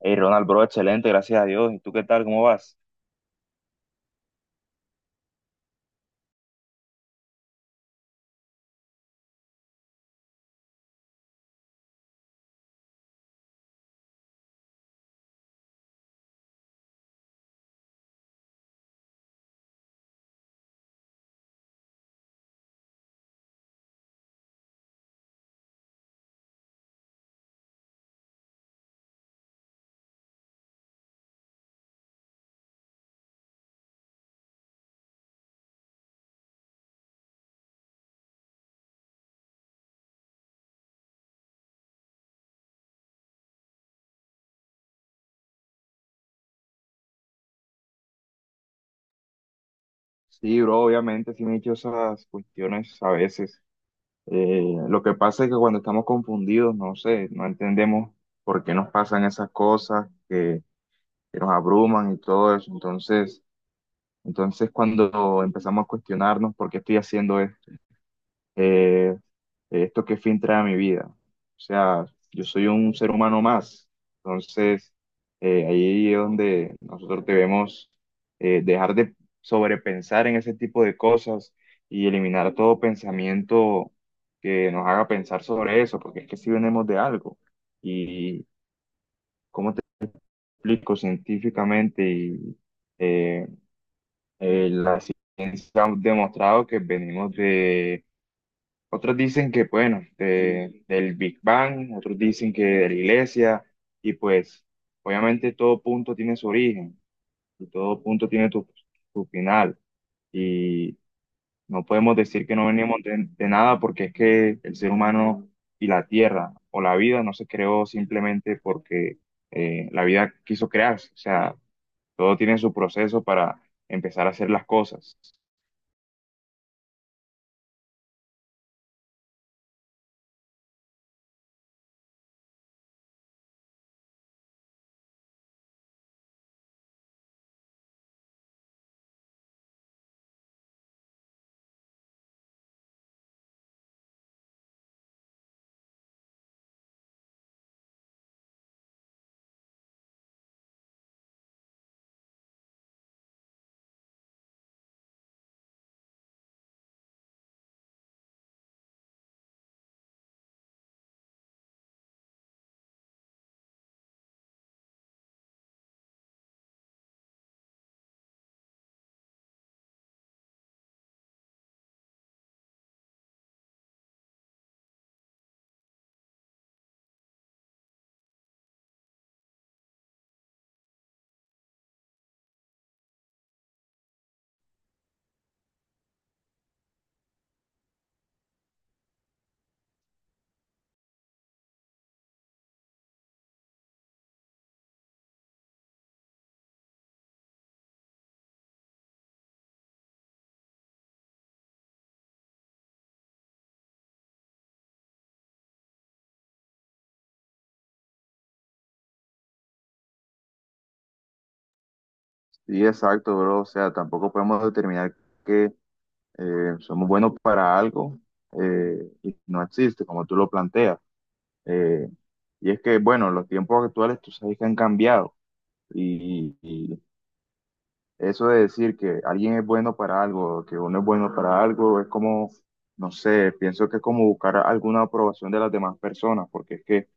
Hey, Ronald, bro, excelente, gracias a Dios. ¿Y tú qué tal? ¿Cómo vas? Sí, bro, obviamente sí me he hecho esas cuestiones a veces. Eh, lo que pasa es que cuando estamos confundidos, no sé, no entendemos por qué nos pasan esas cosas que nos abruman y todo eso. Entonces cuando empezamos a cuestionarnos por qué estoy haciendo esto, eh, de esto que fin trae a mi vida. O sea, yo soy un ser humano más. Entonces, ahí es donde nosotros debemos dejar de sobrepensar en ese tipo de cosas y eliminar todo pensamiento que nos haga pensar sobre eso, porque es que si venimos de algo. Y cómo te explico científicamente y eh, la ciencia ha demostrado que venimos de otros dicen que, bueno, del Big Bang, otros dicen que de la iglesia, y pues obviamente todo punto tiene su origen, y todo punto tiene su final, y no podemos decir que no venimos de nada porque es que el ser humano y la tierra o la vida no se creó simplemente porque la vida quiso crearse, o sea, todo tiene su proceso para empezar a hacer las cosas. Sí, exacto, bro. O sea, tampoco podemos determinar que somos buenos para algo y no existe, como tú lo planteas. Eh, y es que, bueno, los tiempos actuales tú sabes que han cambiado y eso de decir que alguien es bueno para algo, que uno es bueno para algo, es como, no sé, pienso que es como buscar alguna aprobación de las demás personas, porque es que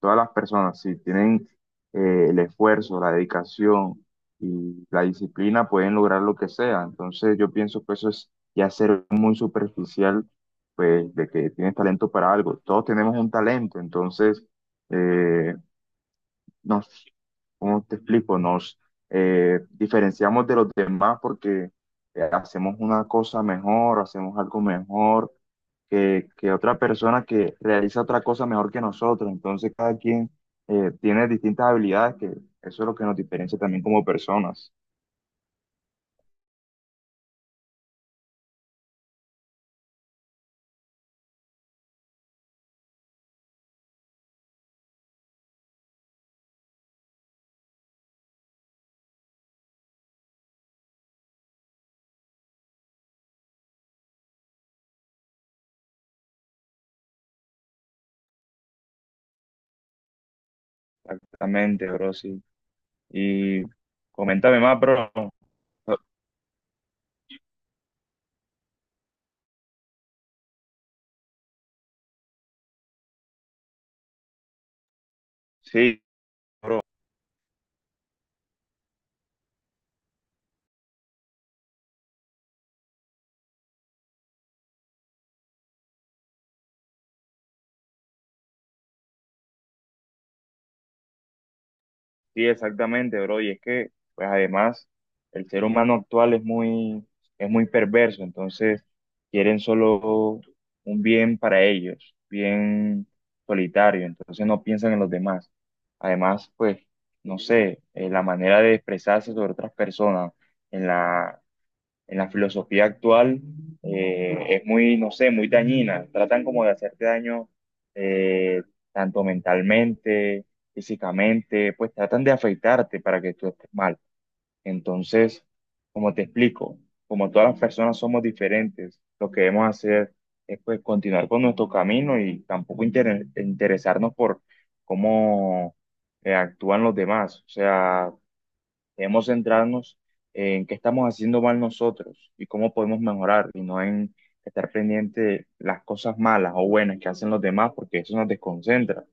todas las personas, si tienen el esfuerzo, la dedicación y la disciplina, pueden lograr lo que sea. Entonces, yo pienso que eso es ya ser muy superficial, pues, de que tienes talento para algo. Todos tenemos un talento, entonces, eh, nos, ¿cómo te explico? Nos diferenciamos de los demás porque hacemos una cosa mejor, hacemos algo mejor que otra persona que realiza otra cosa mejor que nosotros. Entonces cada quien tiene distintas habilidades que eso es lo que nos diferencia también como personas. Exactamente, bro, sí. Y coméntame más, bro. Sí, sí, exactamente, bro. Y es que, pues además, el ser humano actual es muy perverso, entonces quieren solo un bien para ellos, bien solitario, entonces no piensan en los demás. Además, pues, no sé, la manera de expresarse sobre otras personas, en la, en la filosofía actual es muy, no sé, muy dañina. Tratan como de hacerte daño, eh, tanto mentalmente, físicamente, pues tratan de afectarte para que tú estés mal. Entonces, como te explico, como todas las personas somos diferentes, lo que debemos hacer es pues continuar con nuestro camino y tampoco interesarnos por cómo actúan los demás. O sea, debemos centrarnos en qué estamos haciendo mal nosotros y cómo podemos mejorar y no en estar pendiente de las cosas malas o buenas que hacen los demás porque eso nos desconcentra.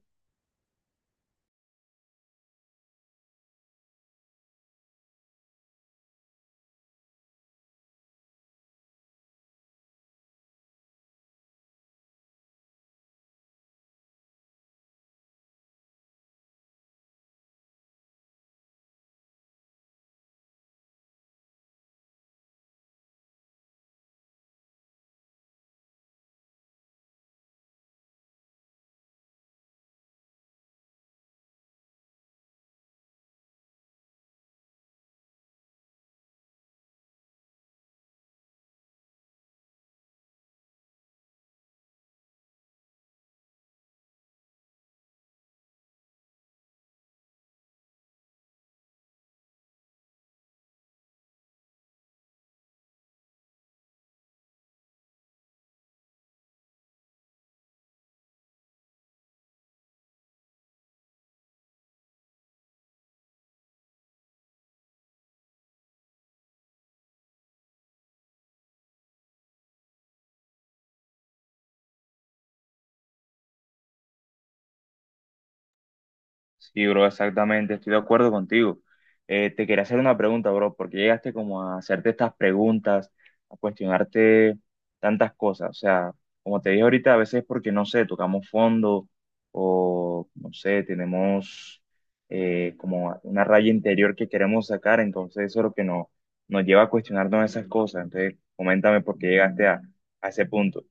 Sí, bro, exactamente, estoy de acuerdo contigo. Te quería hacer una pregunta, bro, porque llegaste como a hacerte estas preguntas, a cuestionarte tantas cosas. O sea, como te dije ahorita, a veces porque, no sé, tocamos fondo o, no sé, tenemos como una raya interior que queremos sacar, entonces eso es lo que nos lleva a cuestionarnos esas cosas. Entonces, coméntame por qué llegaste a ese punto.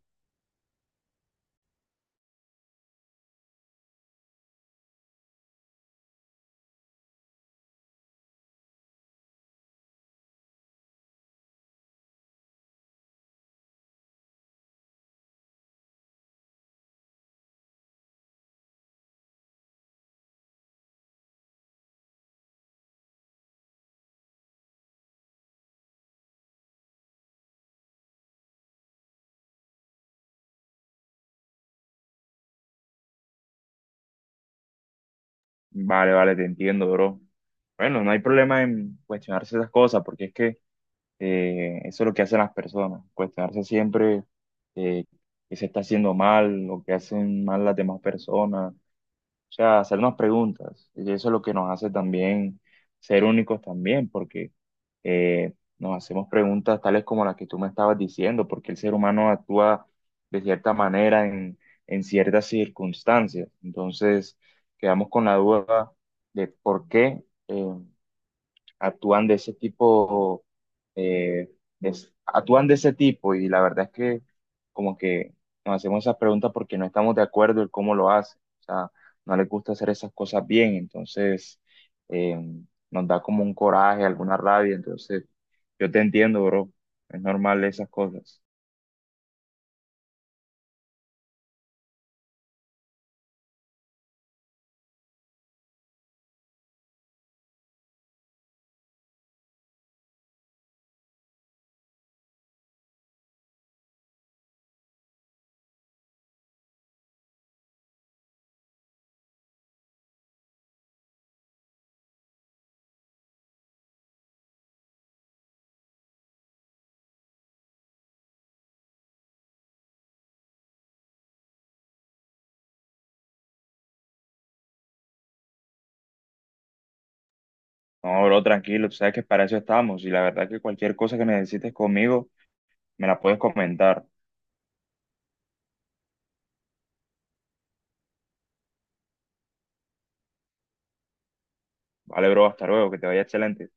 Vale, vale, te entiendo, bro. Bueno, no hay problema en cuestionarse esas cosas, porque es que… eso es lo que hacen las personas, cuestionarse siempre eh, qué se está haciendo mal, lo que hacen mal las demás personas, o sea, hacernos preguntas. Y eso es lo que nos hace también ser únicos también, porque nos hacemos preguntas tales como las que tú me estabas diciendo, porque el ser humano actúa de cierta manera en ciertas circunstancias. Entonces, quedamos con la duda de por qué eh, actúan de ese tipo, eh, actúan de ese tipo y la verdad es que como que nos hacemos esas preguntas porque no estamos de acuerdo en cómo lo hacen, o sea, no les gusta hacer esas cosas bien, entonces eh, nos da como un coraje, alguna rabia, entonces yo te entiendo, bro, es normal esas cosas. No, bro, tranquilo, tú sabes que para eso estamos y la verdad que cualquier cosa que necesites conmigo me la puedes comentar. Vale, bro, hasta luego, que te vaya excelente.